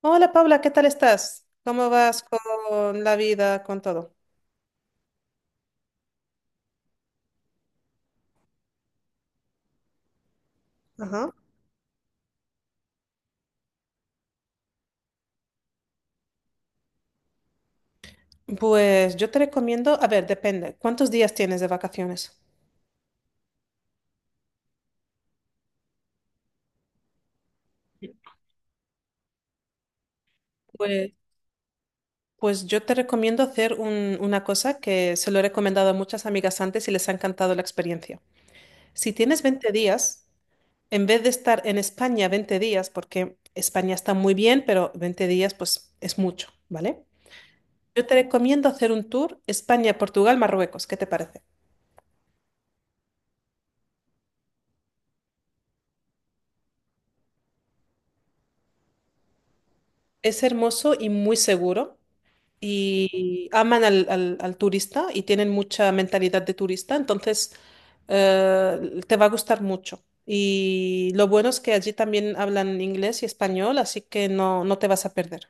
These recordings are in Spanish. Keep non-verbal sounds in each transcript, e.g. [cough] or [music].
Hola Paula, ¿qué tal estás? ¿Cómo vas con la vida, con todo? Ajá. Pues yo te recomiendo, a ver, depende, ¿cuántos días tienes de vacaciones? Pues, pues yo te recomiendo hacer una cosa que se lo he recomendado a muchas amigas antes y les ha encantado la experiencia. Si tienes 20 días, en vez de estar en España 20 días, porque España está muy bien, pero 20 días pues es mucho, ¿vale? Yo te recomiendo hacer un tour España, Portugal, Marruecos, ¿qué te parece? Es hermoso y muy seguro. Y aman al turista y tienen mucha mentalidad de turista, entonces te va a gustar mucho. Y lo bueno es que allí también hablan inglés y español, así que no, no te vas a perder.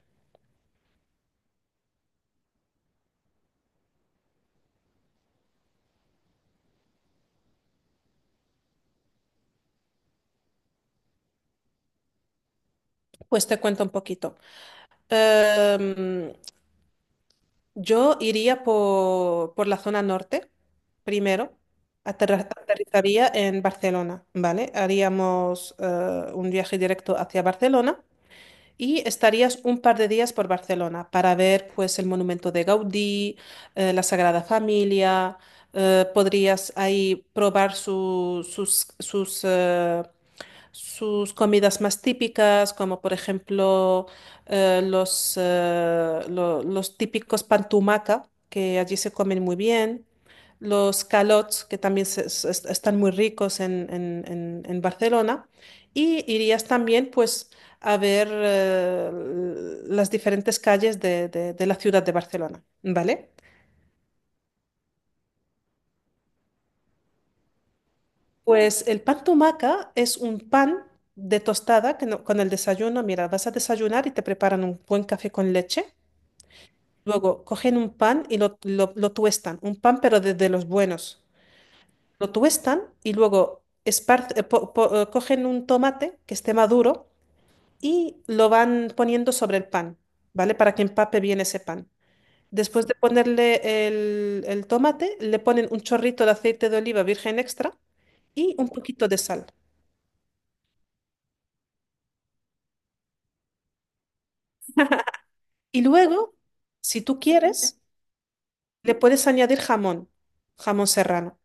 Pues te cuento un poquito. Em, yo iría por la zona norte primero. Aterrizaría en Barcelona, ¿vale? Haríamos un viaje directo hacia Barcelona. Y estarías un par de días por Barcelona para ver pues el monumento de Gaudí, la Sagrada Familia, podrías ahí probar sus sus comidas más típicas, como por ejemplo los típicos pantumaca, que allí se comen muy bien, los calots, que también están muy ricos en Barcelona, y irías también pues a ver las diferentes calles de la ciudad de Barcelona, ¿vale? Pues el pan tumaca es un pan de tostada que no- con el desayuno, mira, vas a desayunar y te preparan un buen café con leche. Luego cogen un pan y lo tuestan, un pan pero de los buenos. Lo tuestan y luego cogen un tomate que esté maduro y lo van poniendo sobre el pan, ¿vale? Para que empape bien ese pan. Después de ponerle el tomate, le ponen un chorrito de aceite de oliva virgen extra y un poquito de sal. Y luego, si tú quieres, le puedes añadir jamón, jamón serrano,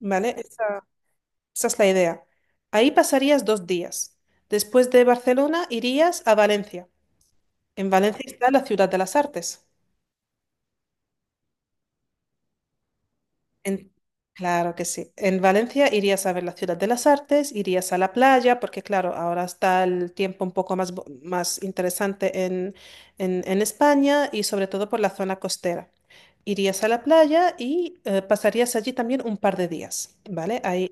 ¿vale? Esa es la idea. Ahí pasarías dos días. Después de Barcelona irías a Valencia. En Valencia está la Ciudad de las Artes. En- claro que sí. En Valencia irías a ver la Ciudad de las Artes, irías a la playa, porque claro, ahora está el tiempo un poco más interesante en España y sobre todo por la zona costera. Irías a la playa y pasarías allí también un par de días, ¿vale? Ahí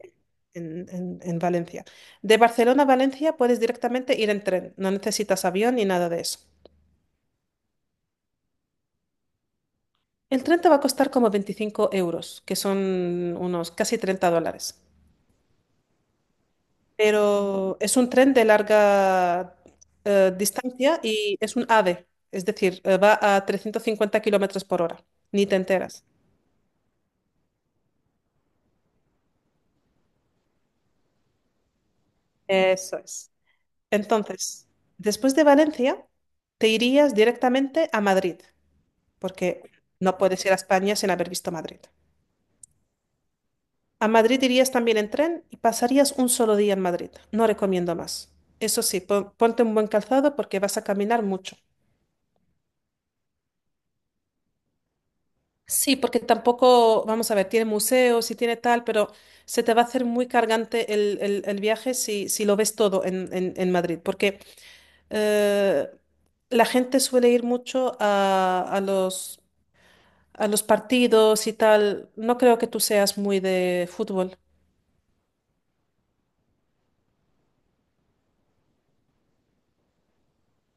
en Valencia. De Barcelona a Valencia puedes directamente ir en tren, no necesitas avión ni nada de eso. El tren te va a costar como 25 euros, que son unos casi 30 dólares. Pero es un tren de larga distancia y es un AVE, es decir, va a 350 kilómetros por hora, ni te enteras. Eso es. Entonces, después de Valencia, te irías directamente a Madrid, porque no puedes ir a España sin haber visto Madrid. A Madrid irías también en tren y pasarías un solo día en Madrid. No recomiendo más. Eso sí, ponte un buen calzado porque vas a caminar mucho. Sí, porque tampoco, vamos a ver, tiene museos y tiene tal, pero se te va a hacer muy cargante el viaje si, si lo ves todo en Madrid, porque eh, la gente suele ir mucho a los partidos y tal. No creo que tú seas muy de fútbol.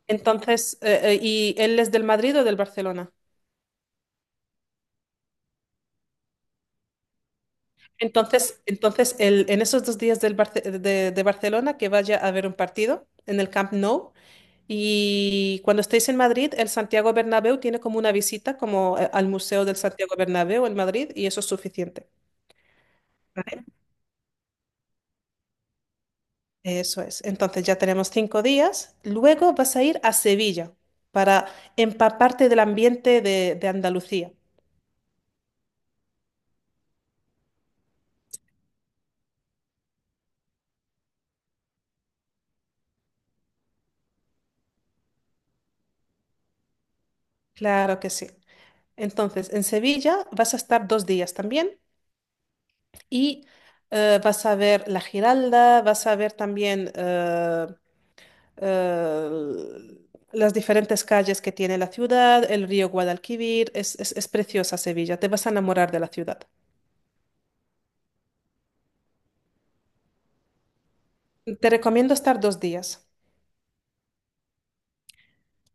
Entonces, ¿y él es del Madrid o del Barcelona? Entonces, entonces en esos dos días de Barcelona, que vaya a ver un partido en el Camp Nou. Y cuando estéis en Madrid, el Santiago Bernabéu tiene como una visita como al Museo del Santiago Bernabéu en Madrid y eso es suficiente. ¿Vale? Eso es. Entonces ya tenemos 5 días. Luego vas a ir a Sevilla para empaparte del ambiente de Andalucía. Claro que sí. Entonces, en Sevilla vas a estar dos días también y vas a ver la Giralda, vas a ver también eh, las diferentes calles que tiene la ciudad, el río Guadalquivir, es preciosa Sevilla, te vas a enamorar de la ciudad. Te recomiendo estar dos días.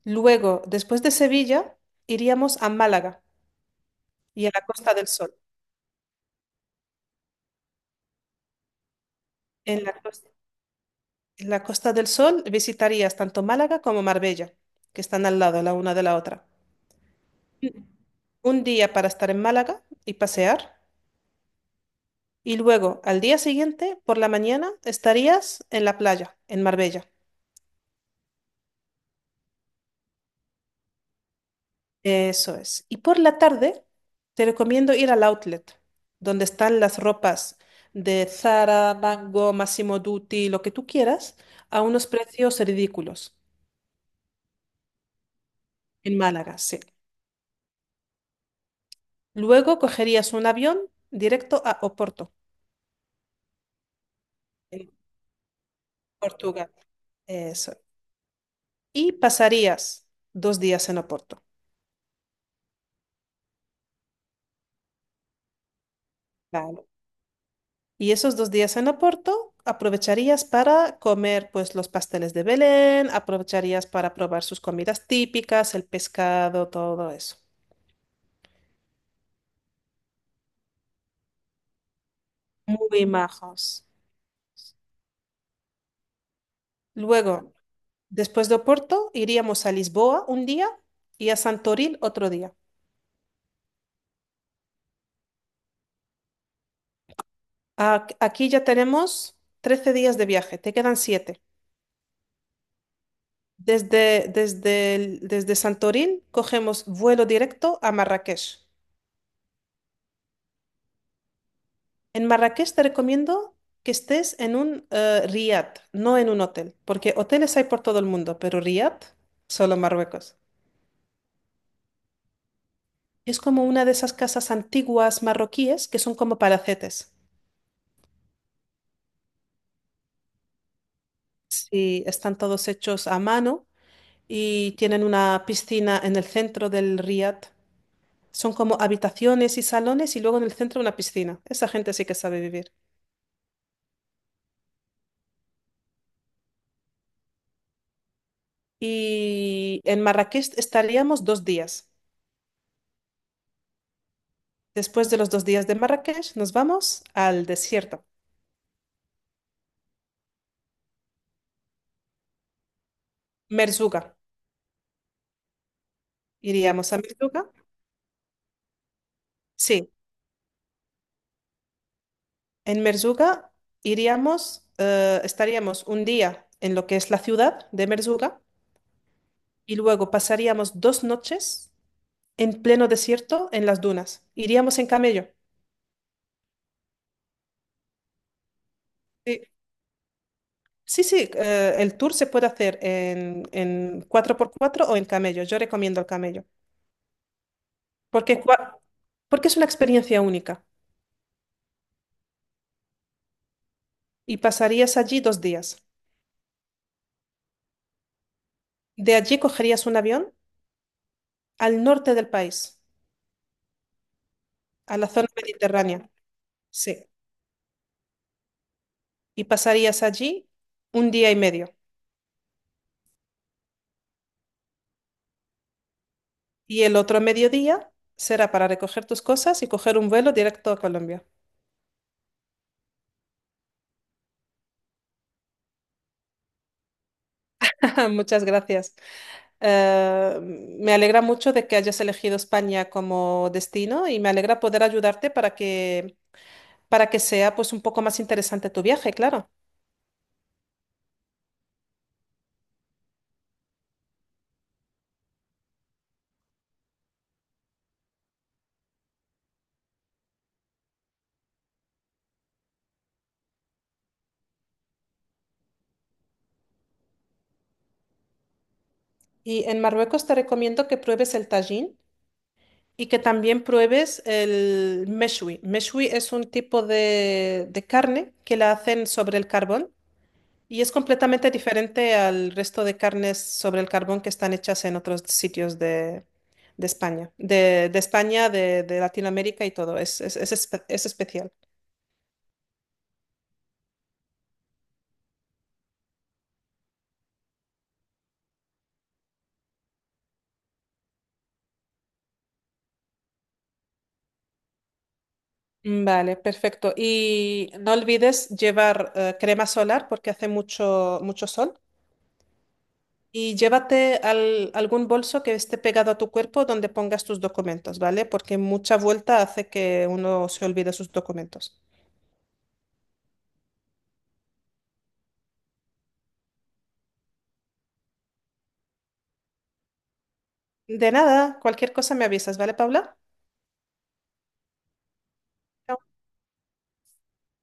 Luego, después de Sevilla, iríamos a Málaga y a la Costa del Sol. En la, cos- en la Costa del Sol visitarías tanto Málaga como Marbella, que están al lado la una de la otra. Un día para estar en Málaga y pasear, y luego al día siguiente, por la mañana, estarías en la playa, en Marbella. Eso es. Y por la tarde te recomiendo ir al outlet, donde están las ropas de Zara, Mango, Massimo Dutti, lo que tú quieras, a unos precios ridículos. En Málaga, sí. Luego cogerías un avión directo a Oporto, en Portugal. Eso. Y pasarías dos días en Oporto. Vale. Y esos dos días en Oporto aprovecharías para comer pues los pasteles de Belén, aprovecharías para probar sus comidas típicas, el pescado, todo eso. Muy majos. Luego, después de Oporto, iríamos a Lisboa un día y a Santorín otro día. Aquí ya tenemos 13 días de viaje, te quedan 7. Desde Santorín cogemos vuelo directo a Marrakech. En Marrakech te recomiendo que estés en un riad, no en un hotel, porque hoteles hay por todo el mundo, pero riad, solo en Marruecos. Es como una de esas casas antiguas marroquíes que son como palacetes. Sí, están todos hechos a mano y tienen una piscina en el centro del riad. Son como habitaciones y salones y luego en el centro una piscina. Esa gente sí que sabe vivir. Y en Marrakech estaríamos dos días. Después de los dos días de Marrakech, nos vamos al desierto, Merzuga. Iríamos a Merzuga. Sí, en Merzuga iríamos, estaríamos un día en lo que es la ciudad de Merzuga y luego pasaríamos dos noches en pleno desierto en las dunas. Iríamos en camello. Sí, sí, el tour se puede hacer en 4x4 o en camello. Yo recomiendo el camello porque, porque es una experiencia única y pasarías allí dos días. De allí cogerías un avión al norte del país, a la zona mediterránea. Sí. Y pasarías allí un día y medio. Y el otro mediodía será para recoger tus cosas y coger un vuelo directo a Colombia. [laughs] Muchas gracias. Me alegra mucho de que hayas elegido España como destino y me alegra poder ayudarte para que sea pues un poco más interesante tu viaje, claro. Y en Marruecos te recomiendo que pruebes el tajín, y que también pruebes el meshwi. Meshwi es un tipo de carne que la hacen sobre el carbón y es completamente diferente al resto de carnes sobre el carbón que están hechas en otros sitios de España, de Latinoamérica y todo. Es especial. Mm, vale, perfecto. Y no olvides llevar crema solar porque hace mucho, mucho sol. Y llévate algún bolso que esté pegado a tu cuerpo donde pongas tus documentos, ¿vale? Porque mucha vuelta hace que uno se olvide sus documentos. De nada, cualquier cosa me avisas, ¿vale, Paula?